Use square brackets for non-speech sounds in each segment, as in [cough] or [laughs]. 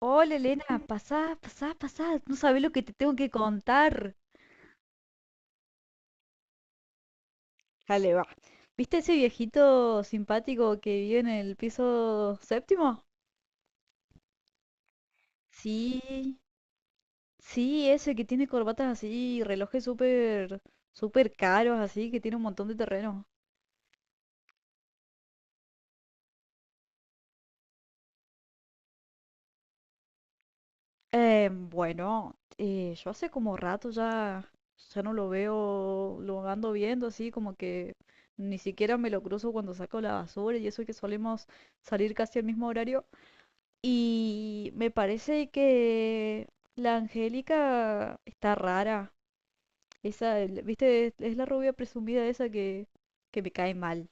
Hola Elena, pasá, pasá, pasá, no sabés lo que te tengo que contar. Dale, va. ¿Viste ese viejito simpático que vive en el piso séptimo? Sí, sí, ese que tiene corbatas así, relojes súper, súper caros así, que tiene un montón de terreno. Bueno, yo hace como rato ya, ya no lo veo, lo ando viendo así, como que ni siquiera me lo cruzo cuando saco la basura y eso que solemos salir casi al mismo horario. Y me parece que la Angélica está rara. Esa, viste, es la rubia presumida esa que me cae mal.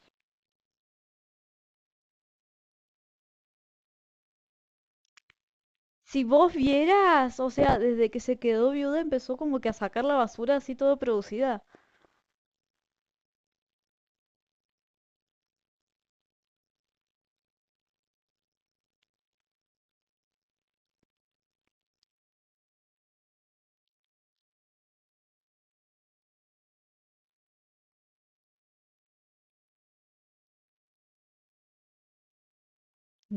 Si vos vieras, o sea, desde que se quedó viuda empezó como que a sacar la basura así todo producida.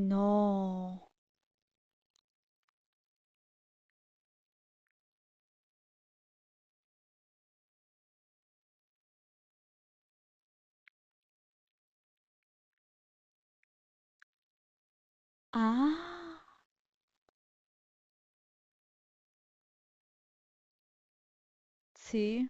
No. Ah, sí,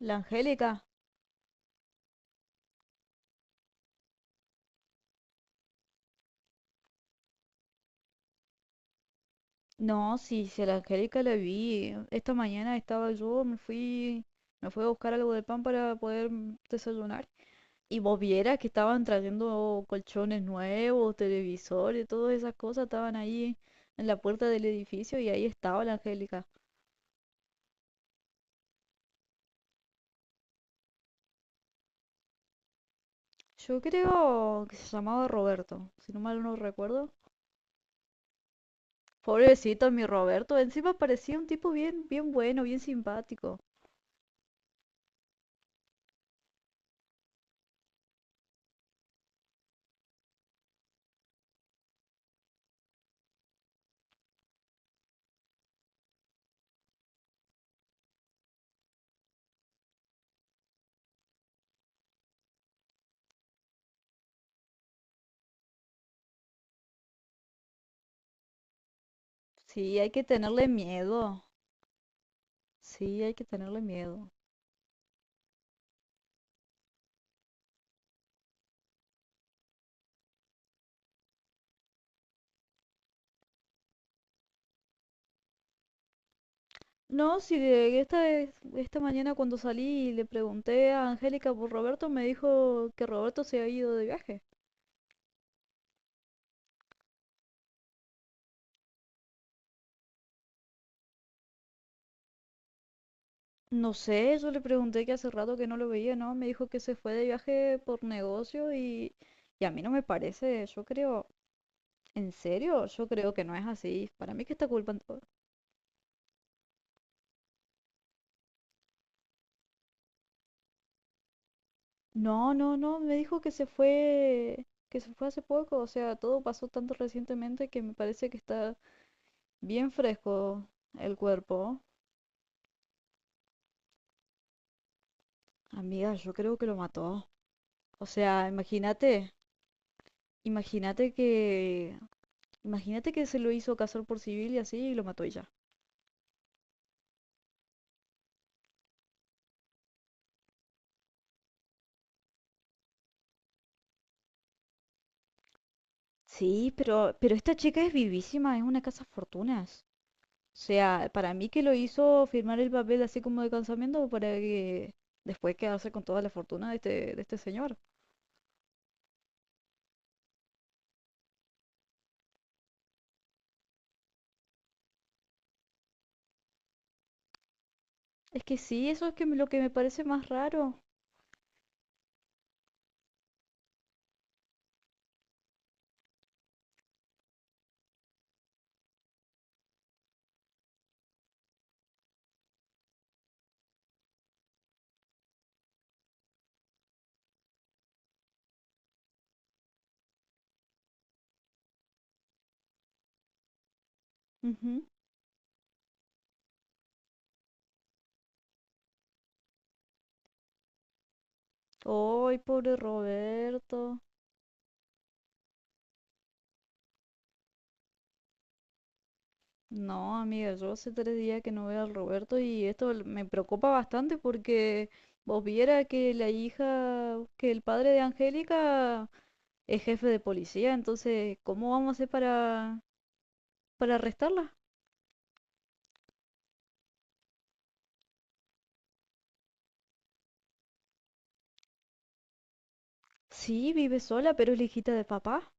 la Angélica. No, sí, sí, a la Angélica la vi. Esta mañana estaba yo, me fui a buscar algo de pan para poder desayunar. Y vos vieras que estaban trayendo colchones nuevos, televisores, todas esas cosas estaban ahí en la puerta del edificio y ahí estaba la Angélica. Yo creo que se llamaba Roberto, si no mal no recuerdo. Pobrecito mi Roberto, encima parecía un tipo bien, bien bueno, bien simpático. Sí, hay que tenerle miedo. Sí, hay que tenerle miedo. No, si esta mañana cuando salí y le pregunté a Angélica por Roberto, me dijo que Roberto se ha ido de viaje. No sé, yo le pregunté que hace rato que no lo veía, ¿no? Me dijo que se fue de viaje por negocio y a mí no me parece, yo creo, ¿en serio? Yo creo que no es así. Para mí que está culpando. No, no, no, me dijo que se fue hace poco, o sea, todo pasó tanto recientemente que me parece que está bien fresco el cuerpo. Amiga, yo creo que lo mató. O sea, imagínate, imagínate imagínate que se lo hizo casar por civil y así y lo mató y ya. Sí, pero esta chica es vivísima, es una casa fortunas. O sea, para mí que lo hizo firmar el papel así como de casamiento para que después quedarse con toda la fortuna de este señor. Es que sí, eso es que lo que me parece más raro. Ujú. Ay, pobre Roberto. No, amiga, yo hace tres días que no veo al Roberto y esto me preocupa bastante porque vos viera que la hija, que el padre de Angélica es jefe de policía, entonces, ¿cómo vamos a hacer para arrestarla? Sí, vive sola, pero es la hijita de papá.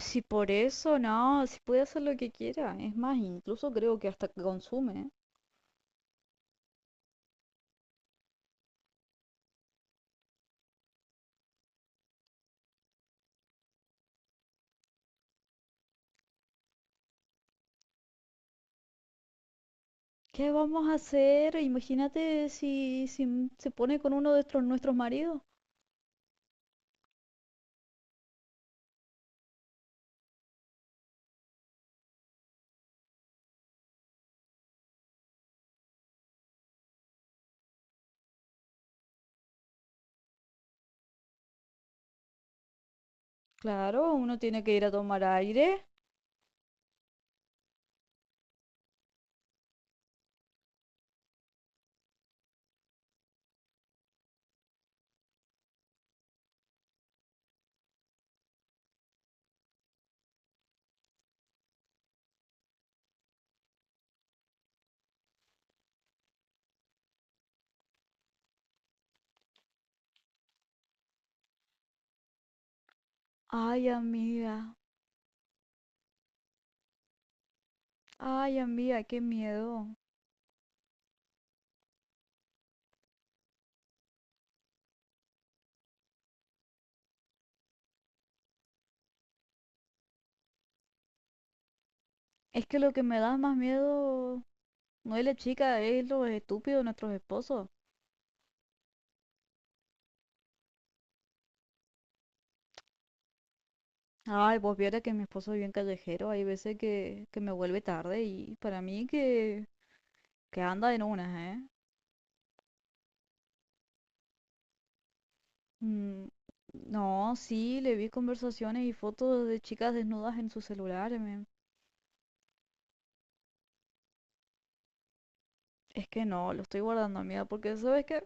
Si por eso, no, si puede hacer lo que quiera. Es más, incluso creo que hasta consume, ¿eh? ¿Qué vamos a hacer? Imagínate si, se pone con uno de nuestros maridos. Claro, uno tiene que ir a tomar aire. Ay, amiga. Ay, amiga, qué miedo. Es que lo que me da más miedo no es la chica, es lo estúpido de nuestros esposos. Ay, pues viera que mi esposo es bien callejero, hay veces que me vuelve tarde y para mí que anda en unas, ¿eh? Mm, no, sí, le vi conversaciones y fotos de chicas desnudas en su celular, men. Es que no, lo estoy guardando, amiga, porque sabes que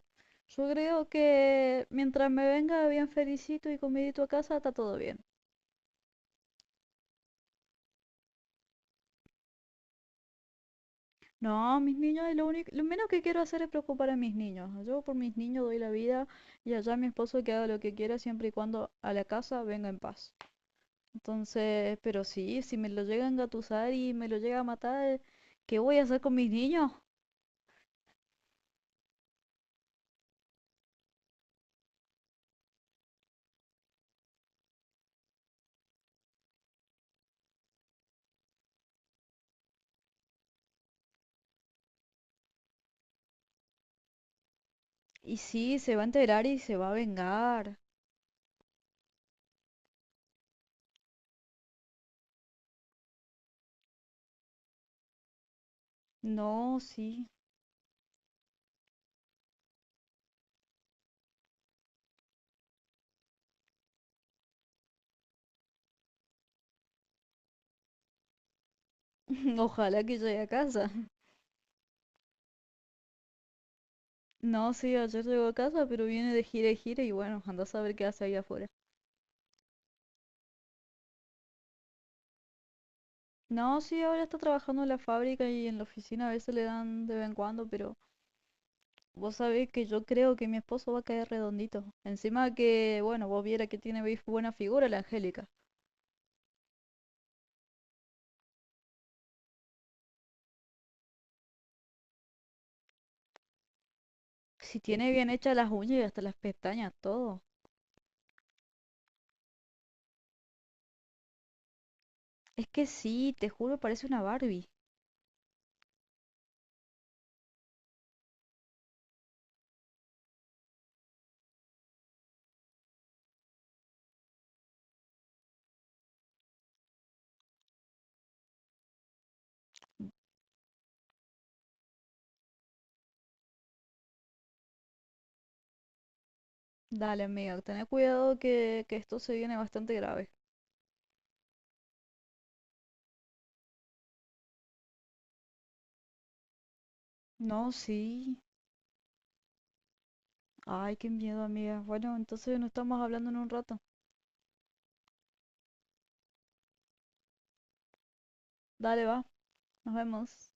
yo creo que mientras me venga bien felicito y comidito a casa, está todo bien. No, mis niños, es lo único, lo menos que quiero hacer es preocupar a mis niños. Yo por mis niños doy la vida y allá mi esposo que haga lo que quiera siempre y cuando a la casa venga en paz. Entonces, pero sí, si me lo llega a engatusar y me lo llega a matar, ¿qué voy a hacer con mis niños? Y sí, se va a enterar y se va a vengar. No, sí. [laughs] Ojalá que llegue a casa. No, sí, ayer llegó a casa, pero viene de gira y gira y bueno, anda a saber qué hace ahí afuera. No, sí, ahora está trabajando en la fábrica y en la oficina a veces le dan de vez en cuando, pero vos sabés que yo creo que mi esposo va a caer redondito. Encima que, bueno, vos viera que tiene buena figura la Angélica. Si tiene bien hechas las uñas y hasta las pestañas, todo. Es que sí, te juro, parece una Barbie. Dale, amiga, ten cuidado que esto se viene bastante grave. No, sí. Ay, qué miedo, amiga. Bueno, entonces no estamos hablando en un rato. Dale, va. Nos vemos.